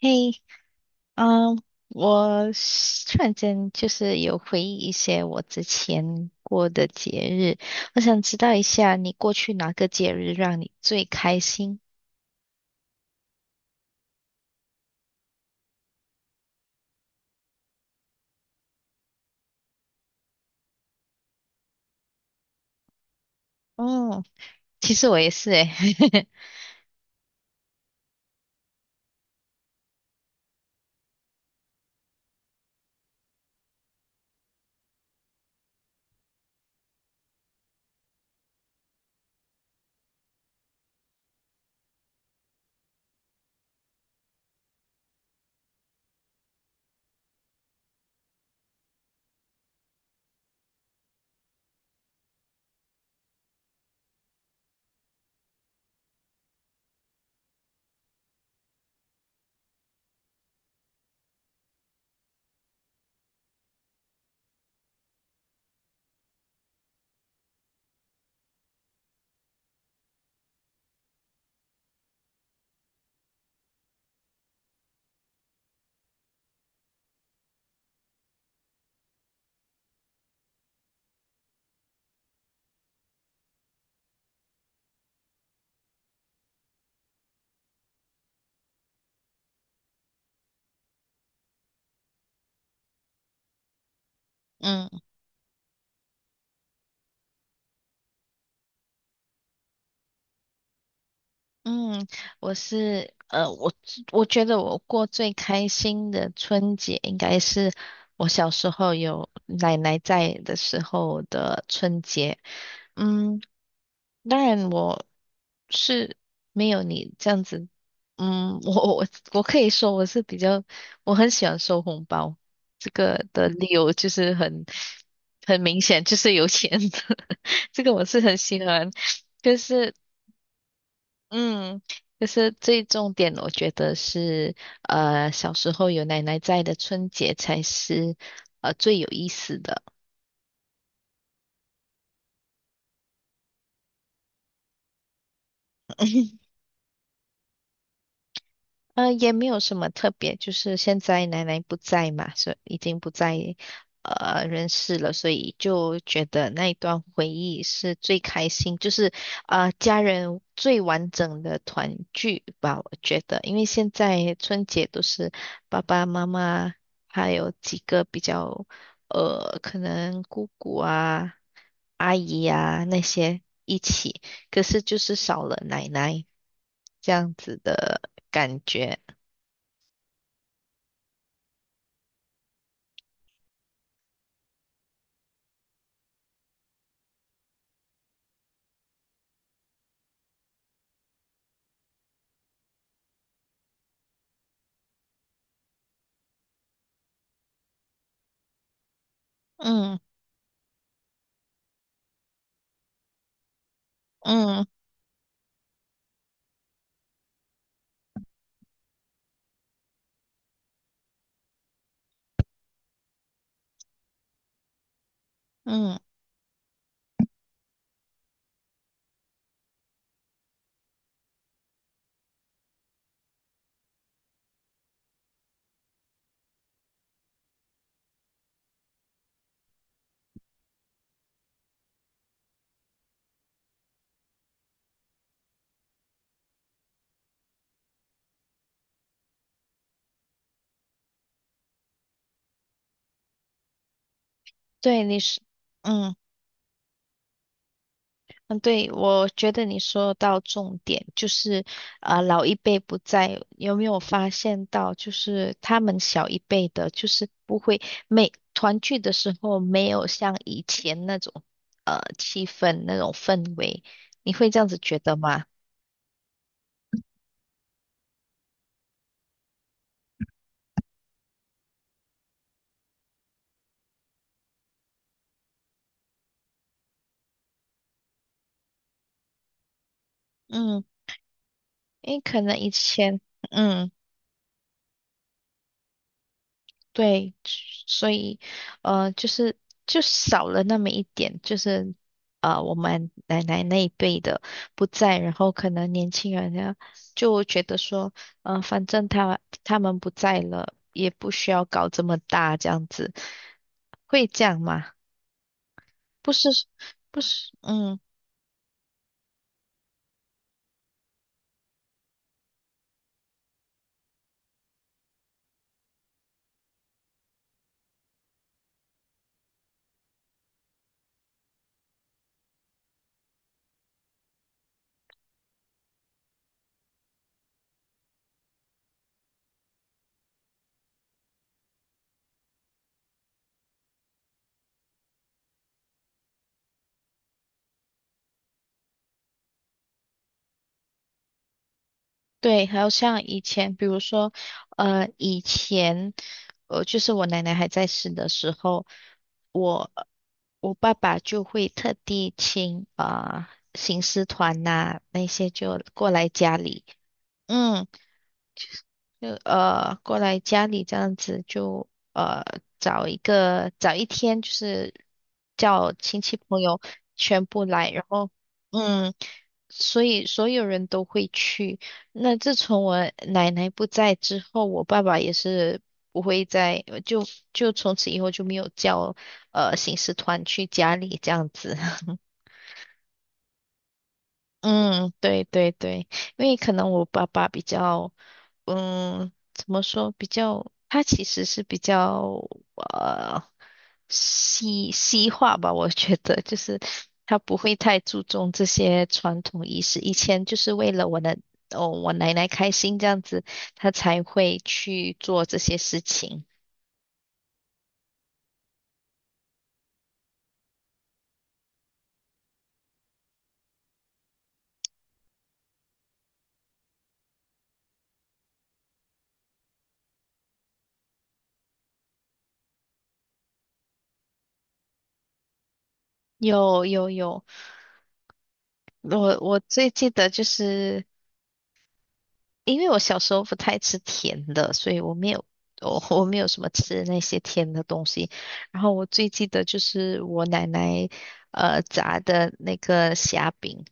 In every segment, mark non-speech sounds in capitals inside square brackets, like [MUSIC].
嘿，嗯，我是突然间就是有回忆一些我之前过的节日，我想知道一下你过去哪个节日让你最开心？哦，其实我也是诶，[LAUGHS] 嗯。嗯，我是我觉得我过最开心的春节应该是我小时候有奶奶在的时候的春节。嗯，当然我是没有你这样子，嗯，我可以说我是比较，我很喜欢收红包，这个的理由就是很明显，就是有钱的 [LAUGHS] 这个我是很喜欢，就是。嗯，就是最重点，我觉得是，小时候有奶奶在的春节才是，最有意思的。也没有什么特别，就是现在奶奶不在嘛，所以已经不在人世了，所以就觉得那一段回忆是最开心，就是家人最完整的团聚吧，我觉得，因为现在春节都是爸爸妈妈还有几个比较可能姑姑啊、阿姨啊那些一起，可是就是少了奶奶这样子的感觉。嗯嗯嗯，对，你是，嗯嗯，对，我觉得你说到重点，就是老一辈不在，有没有发现到，就是他们小一辈的，就是不会每团聚的时候没有像以前那种气氛那种氛围，你会这样子觉得吗？嗯，因为可能以前，嗯。对，所以就是就少了那么一点，就是我们奶奶那一辈的不在，然后可能年轻人呢就觉得说，反正他们不在了，也不需要搞这么大这样子，会这样吗？不是，不是，嗯。对，还有像以前，比如说，以前，就是我奶奶还在世的时候，我我爸爸就会特地请行尸团呐、那些就过来家里，嗯。就过来家里这样子就呃找一天，就是叫亲戚朋友全部来，然后嗯，所以所有人都会去。那自从我奶奶不在之后，我爸爸也是不会再就就从此以后就没有叫行事团去家里这样子。[LAUGHS] 嗯，对对对，因为可能我爸爸比较，嗯，怎么说，比较，他其实是比较呃西西化吧，我觉得就是他不会太注重这些传统仪式，以前就是为了我的哦我奶奶开心这样子，他才会去做这些事情。有有有，我最记得就是。因为我小时候不太吃甜的，所以我没有我没有什么吃那些甜的东西。然后我最记得就是我奶奶炸的那个虾饼，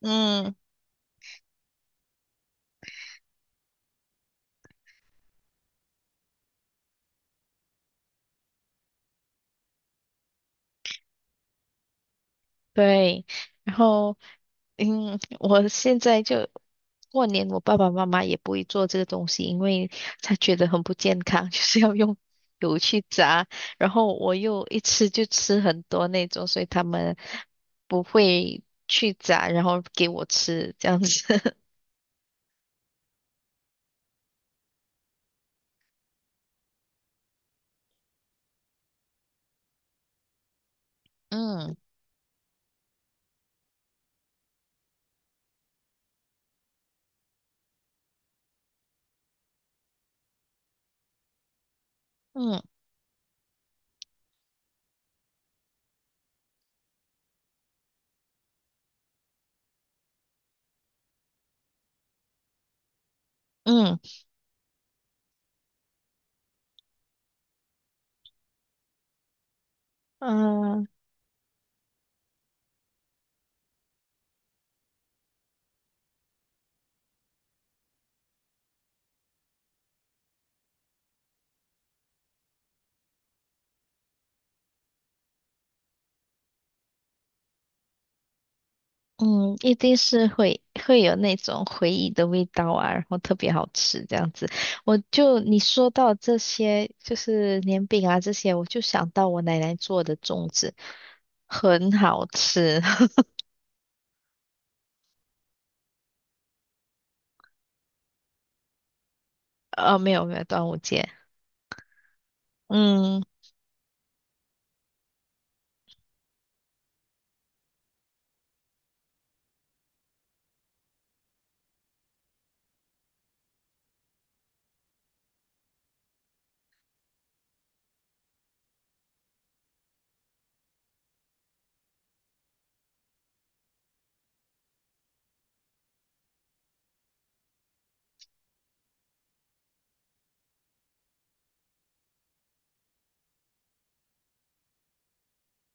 嗯，对，然后嗯，我现在就过年，我爸爸妈妈也不会做这个东西，因为他觉得很不健康，[LAUGHS] 就是要用油去炸，然后我又一吃就吃很多那种，所以他们不会去炸，然后给我吃这样子。[LAUGHS] 嗯嗯嗯嗯，嗯，一定是会有那种回忆的味道啊，然后特别好吃这样子。我就你说到这些，就是年饼啊这些，我就想到我奶奶做的粽子，很好吃。[LAUGHS] 没有没有，端午节。嗯，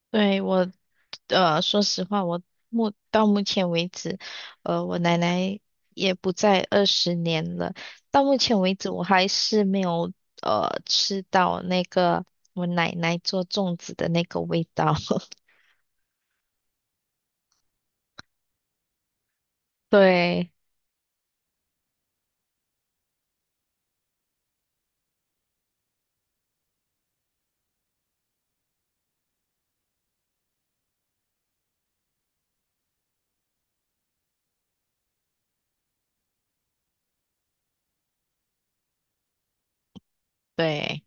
对，我说实话，我目前为止，我奶奶也不在20年了。到目前为止，我还是没有吃到那个我奶奶做粽子的那个味道。[LAUGHS] 对对，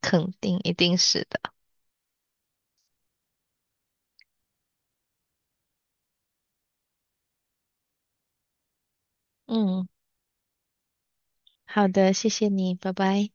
肯定一定是的。嗯，好的，谢谢你，拜拜。